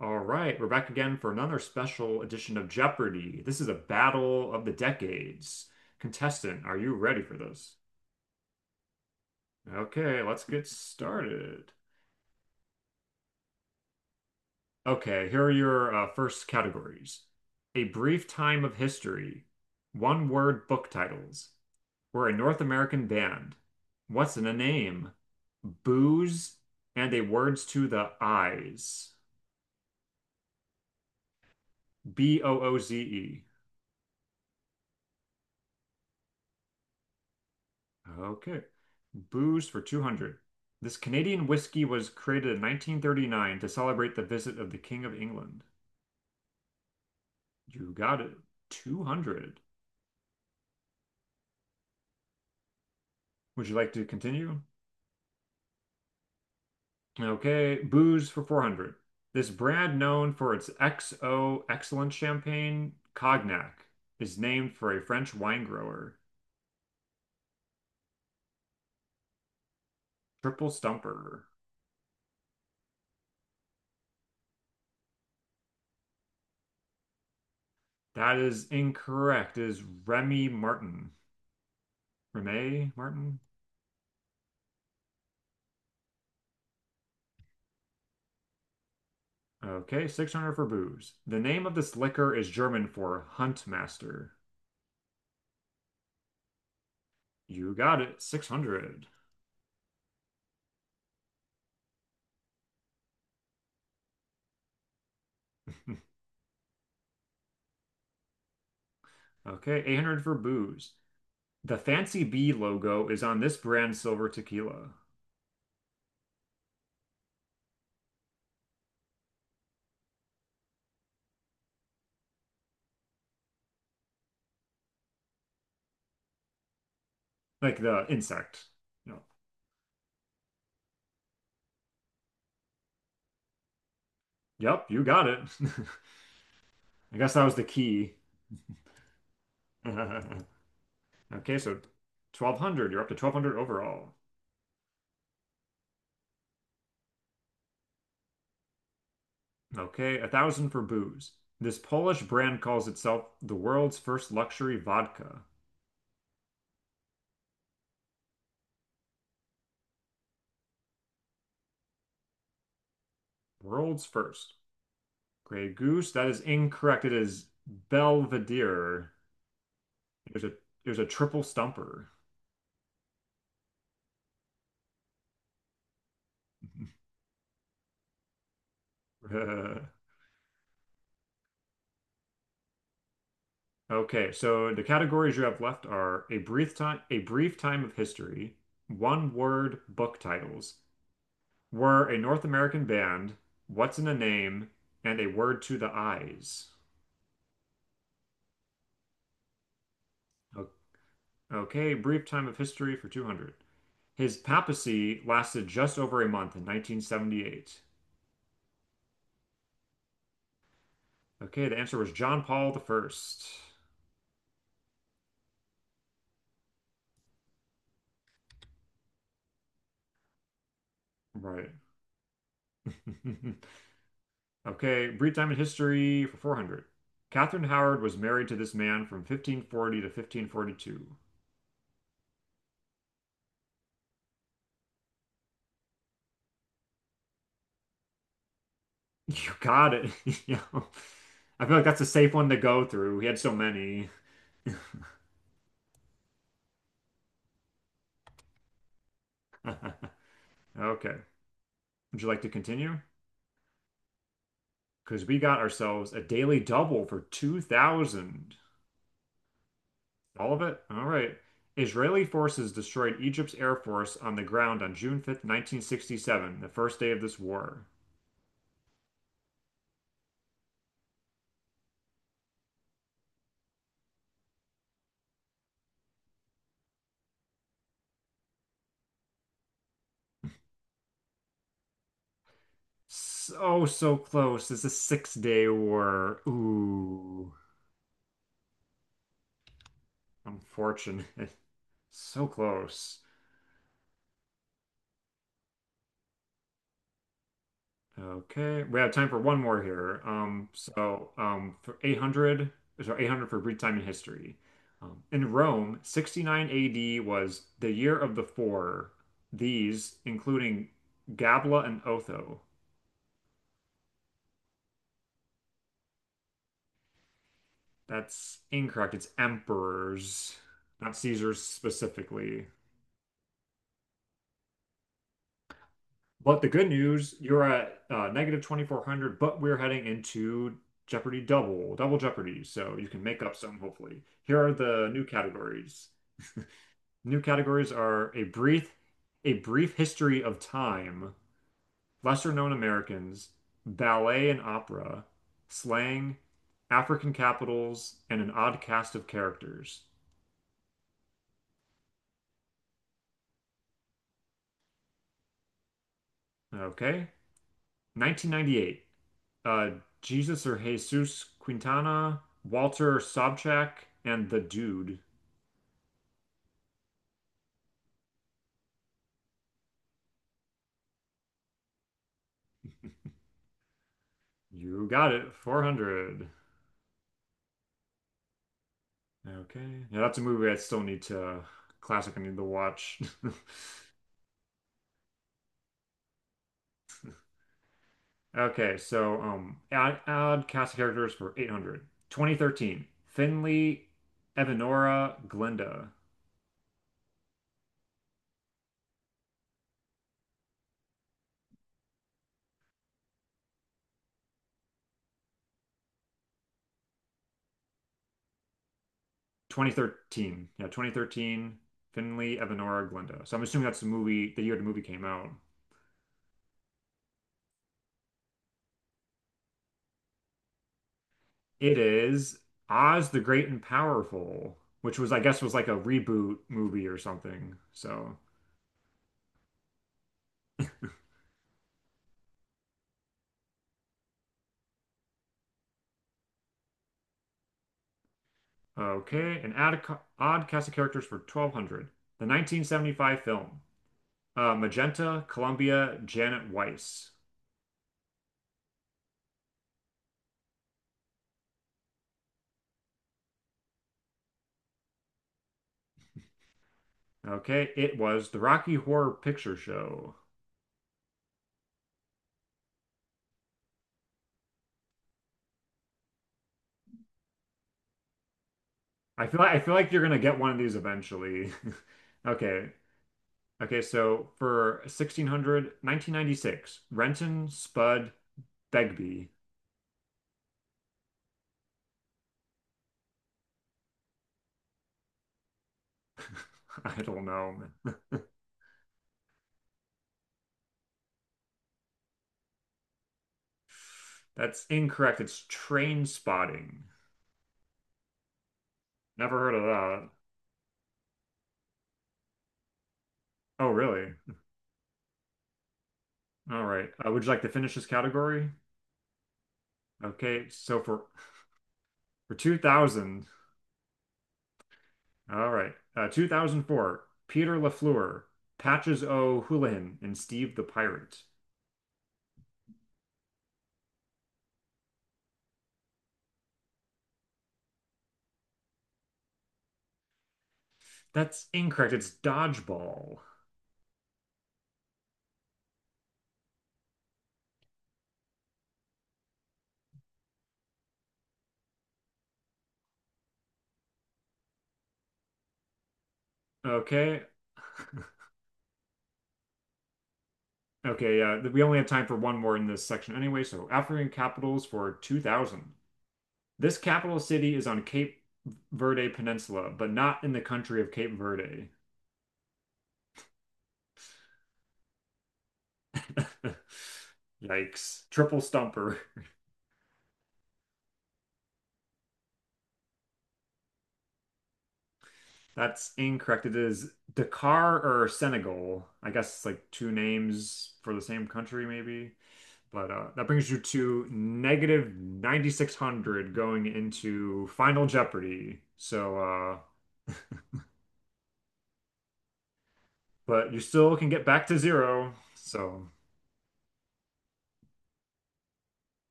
All right, we're back again for another special edition of Jeopardy! This is a battle of the decades. Contestant, are you ready for this? Okay, let's get started. Okay, here are your first categories. A brief time of history, one word book titles. We're a North American band. What's in a name? Booze and a words to the eyes. Booze. Okay. Booze for 200. This Canadian whiskey was created in 1939 to celebrate the visit of the King of England. You got it. 200. Would you like to continue? Okay. Booze for 400. This brand known for its XO excellent champagne, Cognac, is named for a French wine grower. Triple Stumper. That is incorrect. It is Remy Martin. Remy Martin? Okay, 600 for booze. The name of this liquor is German for Hunt Master. You got it, 600. Okay, 800 for booze. The Fancy Bee logo is on this brand silver tequila. Like the insect. No. Yep, you got it. I guess that was the key. Okay, so 1,200. You're up to 1,200 overall. Okay, 1,000 for booze. This Polish brand calls itself the world's first luxury vodka. World's first. Grey Goose. That is incorrect. It is Belvedere. There's a there's a triple stumper. Okay, so the categories you have left are a brief time of history, one word book titles, were a North American band, what's in a name, and a word to the eyes. O- Okay, brief time of history for 200. His papacy lasted just over a month in 1978. Okay, the answer was John Paul the First. Right. Okay, brief time in history for 400. Catherine Howard was married to this man from 1540 to 1542. You got it. You know, I feel like that's a safe one to go through. He had so many. Okay. Would you like to continue? Because we got ourselves a daily double for 2,000. All of it? All right. Israeli forces destroyed Egypt's air force on the ground on June 5th, 1967, the first day of this war. So, so close. It's a 6-day war. Ooh, unfortunate. So close. Okay, we have time for one more here. So, for 800, so 800 for brief time in history. In Rome, 69 AD was the year of the four. These, including Gabla and Otho. That's incorrect. It's emperors, not Caesars specifically. But the good news, you're at negative 2,400, but we're heading into Double Jeopardy, so you can make up some hopefully. Here are the new categories. New categories are a brief history of time, lesser known Americans, ballet and opera, slang, African capitals, and an odd cast of characters. Okay, 1998. uh, Jesus or Jesus Quintana, Walter Sobchak, and The Dude. You got it. 400. Okay. Yeah, that's a movie I still need to classic I need to watch. Okay, so add cast of characters for 800. 2013, Finley, Evanora, Glenda. 2013. Yeah, 2013, Finley, Evanora, Glenda. So I'm assuming that's the year the movie came out. It is Oz the Great and Powerful, which I guess, was like a reboot movie or something. So, okay, and add odd cast of characters for 1,200. The 1975 film, Magenta, Columbia, Janet Weiss. Okay, it was the Rocky Horror Picture Show. I feel like you're gonna get one of these eventually. Okay. Okay, so for 1600, 1996, Renton Spud Begbie. I don't know, man. That's incorrect. It's train spotting. Never heard of that. Oh, really? All right. Would you like to finish this category? Okay. So for 2000, all right. 2004, Peter LaFleur, Patches O'Houlihan, and Steve the Pirate. That's incorrect. It's dodgeball. Okay. Okay. Yeah, we only have time for one more in this section anyway. So African capitals for 2000. This capital city is on Cape Verde Peninsula, but not in the country of Cape Verde. Yikes. Triple stumper. That's incorrect. It is Dakar or Senegal. I guess it's like two names for the same country, maybe. But that brings you to negative 9,600 going into Final Jeopardy. So, but you still can get back to zero. So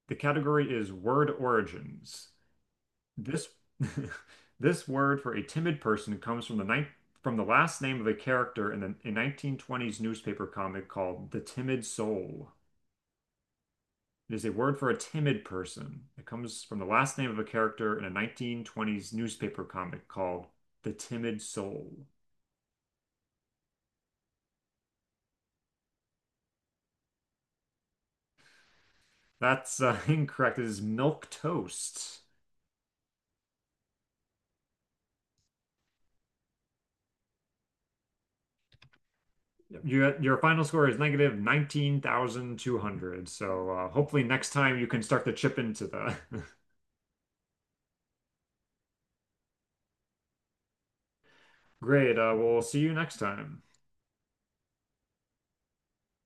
the category is word origins. This this word for a timid person comes from the ninth from the last name of a character in a 1920s newspaper comic called The Timid Soul. It is a word for a timid person. It comes from the last name of a character in a 1920s newspaper comic called The Timid Soul. That's incorrect. It is milk toast. Your final score is negative 19,200. So hopefully next time you can start to chip into the Great. We'll see you next time.